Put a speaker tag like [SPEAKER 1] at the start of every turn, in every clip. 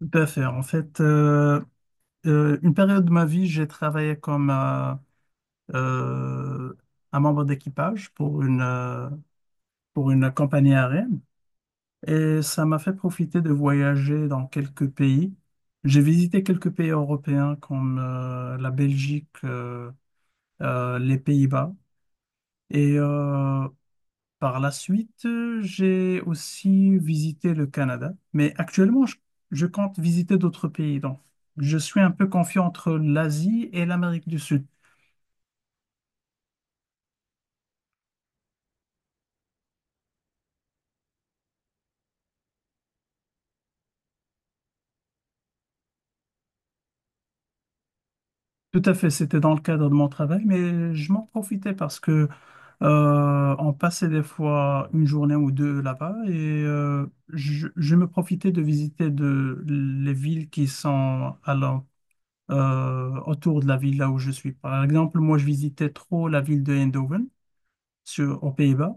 [SPEAKER 1] Tout à fait. En fait, une période de ma vie, j'ai travaillé comme euh, un membre d'équipage pour pour une compagnie aérienne et ça m'a fait profiter de voyager dans quelques pays. J'ai visité quelques pays européens comme la Belgique, les Pays-Bas et euh, Par la suite, j'ai aussi visité le Canada, mais actuellement, je compte visiter d'autres pays. Donc, je suis un peu confiant entre l'Asie et l'Amérique du Sud. Tout à fait, c'était dans le cadre de mon travail, mais je m'en profitais parce que on passait des fois une journée ou deux là-bas et je me profitais de visiter les villes qui sont autour de la ville là où je suis. Par exemple, moi, je visitais trop la ville de Eindhoven sur, aux Pays-Bas.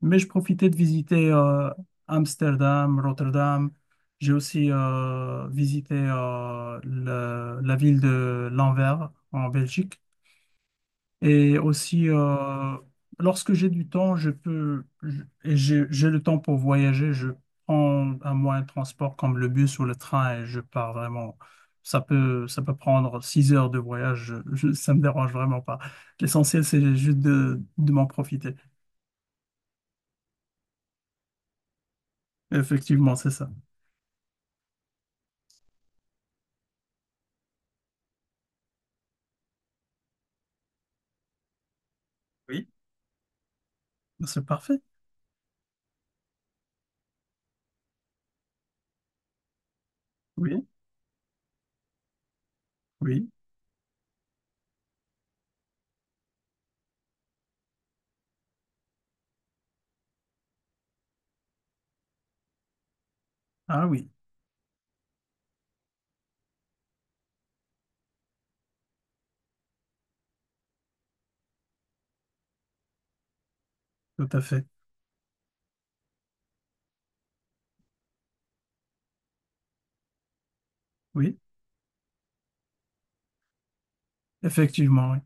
[SPEAKER 1] Mais je profitais de visiter Amsterdam, Rotterdam. J'ai aussi visité la ville de Lanvers en Belgique. Et aussi, lorsque j'ai du temps, je peux, je- et j'ai le temps pour voyager, je prends un moyen de transport comme le bus ou le train et je pars vraiment. Ça peut prendre 6 heures de voyage, je, ne ça me dérange vraiment pas. L'essentiel, c'est juste de m'en profiter. Effectivement, c'est ça. Ah, c'est parfait. Oui, oui. Ah oui, tout à fait. Oui, effectivement, oui.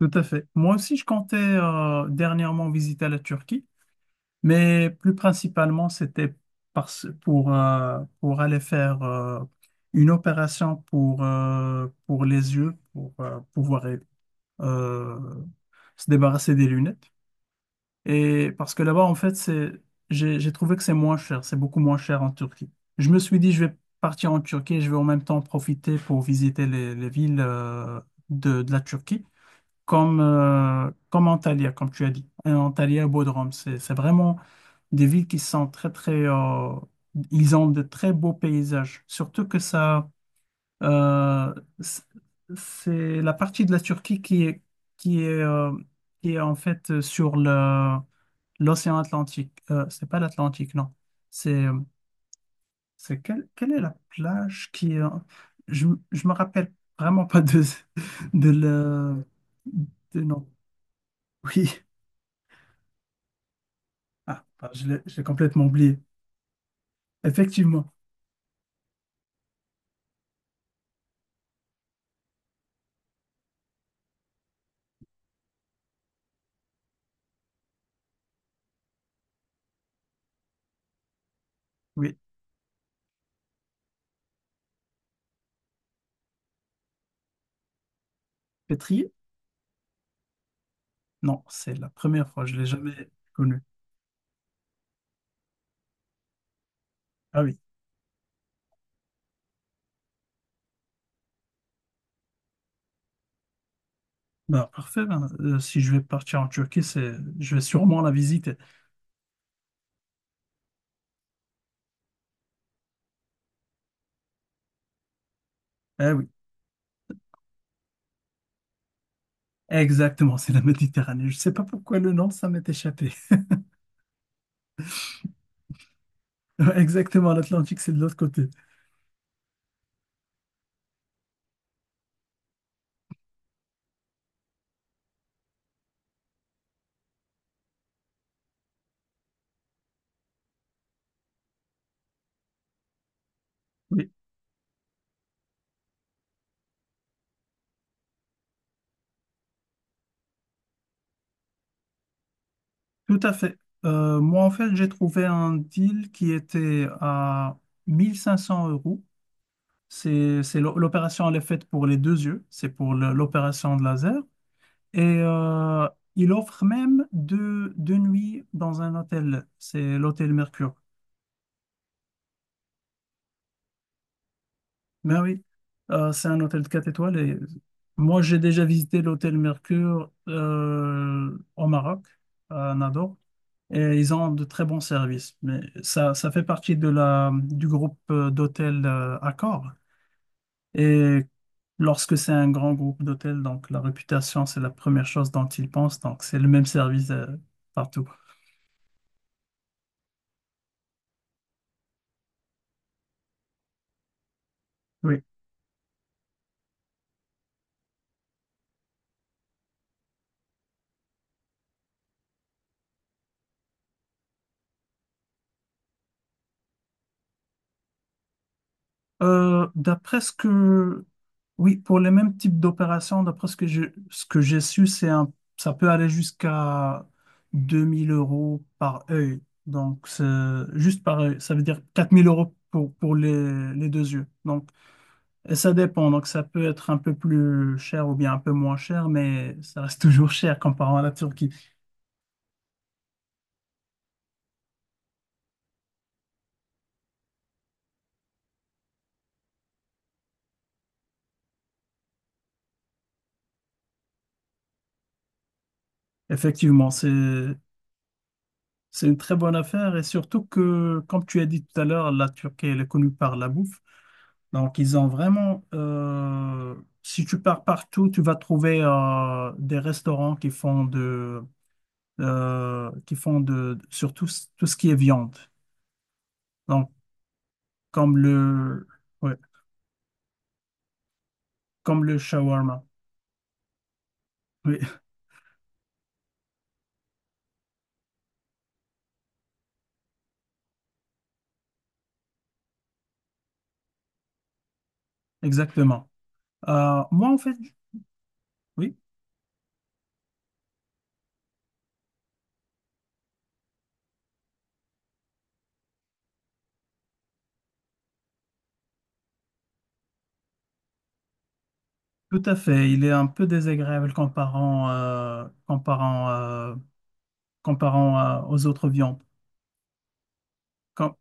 [SPEAKER 1] Tout à fait. Moi aussi, je comptais dernièrement visiter la Turquie, mais plus principalement, c'était pour aller faire une opération pour les yeux, pour pouvoir euh, se débarrasser des lunettes. Et parce que là-bas, en fait, j'ai trouvé que c'est moins cher, c'est beaucoup moins cher en Turquie. Je me suis dit, je vais partir en Turquie et je vais en même temps profiter pour visiter les villes de la Turquie, comme Antalya, comme tu as dit. Et Antalya et Bodrum, c'est vraiment des villes qui sont ils ont de très beaux paysages, surtout que euh, c'est c'est la partie de la Turquie qui est, euh, qui est en fait sur le l'océan Atlantique. C'est pas l'Atlantique, non. C'est, euh, c'est quelle, quelle est la plage qui est... je me rappelle vraiment pas de le... De non. Oui. Ah, bah, je l'ai complètement oublié. Effectivement. Oui. Pétrier? Non, c'est la première fois. Je l'ai jamais connue. Ah oui. Bah, parfait. Ben, si je vais partir en Turquie, je vais sûrement la visiter. Ah oui. Exactement, c'est la Méditerranée. Je sais pas pourquoi le nom, ça m'est échappé. Exactement, l'Atlantique, c'est de l'autre côté. Oui, tout à fait. Moi, en fait, j'ai trouvé un deal qui était à mille cinq cents euros. C'est l'opération, elle est faite pour les deux yeux. C'est pour l'opération de laser. Et il offre même deux nuits dans un hôtel. C'est l'hôtel Mercure. Ben oui. C'est un hôtel de 4 étoiles et moi j'ai déjà visité l'hôtel Mercure au Maroc, à Nador, et ils ont de très bons services. Mais ça fait partie de du groupe d'hôtels Accor. Et lorsque c'est un grand groupe d'hôtels, donc la réputation c'est la première chose dont ils pensent, donc c'est le même service partout. Oui. Euh, d'après ce que, oui, pour les mêmes types d'opérations, d'après ce que ce que j'ai su, ça peut aller jusqu'à 2 000 € par œil. Donc, c'est juste par œil. Ça veut dire 4 000 € pour les deux yeux. Et ça dépend. Donc, ça peut être un peu plus cher ou bien un peu moins cher, mais ça reste toujours cher comparé à la Turquie. Effectivement, c'est une très bonne affaire et surtout que, comme tu as dit tout à l'heure, la Turquie, elle est connue par la bouffe. Donc, ils ont vraiment, si tu pars partout, tu vas trouver des restaurants qui font qui font surtout tout ce qui est viande. Donc, comme le, ouais, comme le shawarma. Oui, exactement. Euh, moi, en fait, oui, tout à fait. Il est un peu désagréable comparant aux autres viandes. Comme,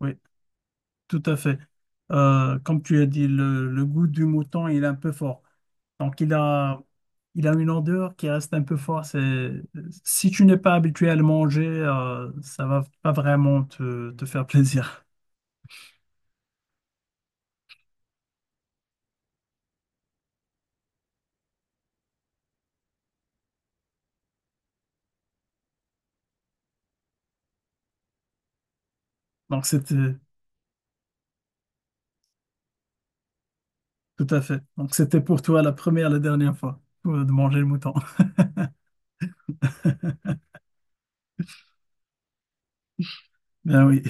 [SPEAKER 1] oui. Tout à fait. Comme tu as dit, le goût du mouton, il est un peu fort. Donc, il a une odeur qui reste un peu forte. C'est, si tu n'es pas habitué à le manger, ça va pas vraiment te faire plaisir. Donc, c'était tout à fait. Donc, c'était pour toi la première, la dernière fois de manger le mouton. Ben oui.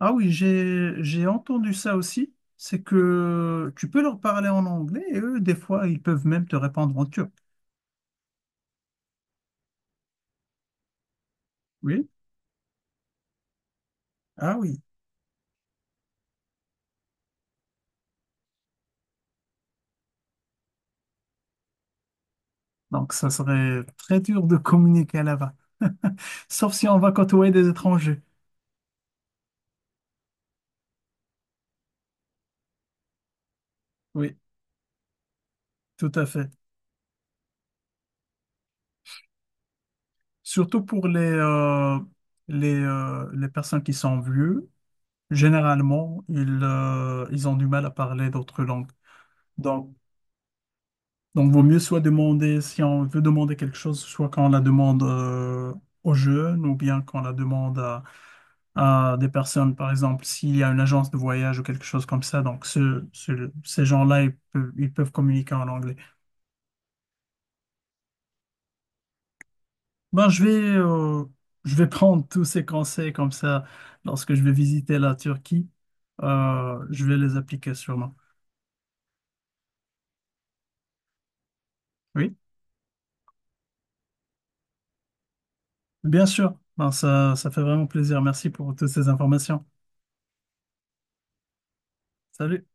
[SPEAKER 1] Ah oui, j'ai entendu ça aussi. C'est que tu peux leur parler en anglais et eux, des fois, ils peuvent même te répondre en turc. Oui. Ah oui. Donc, ça serait très dur de communiquer là-bas. Sauf si on va côtoyer des étrangers. Oui, tout à fait. Surtout pour les personnes qui sont vieux, généralement, ils ont du mal à parler d'autres langues. Donc, donc, vaut mieux soit demander, si on veut demander quelque chose, soit quand on la demande, aux jeunes ou bien quand on la demande à des personnes, par exemple, s'il y a une agence de voyage ou quelque chose comme ça, donc ces gens-là, ils peuvent communiquer en anglais. Ben, je vais, euh, je vais prendre tous ces conseils comme ça lorsque je vais visiter la Turquie. Euh, je vais les appliquer sûrement. Oui, bien sûr. Ben, ça fait vraiment plaisir. Merci pour toutes ces informations. Salut.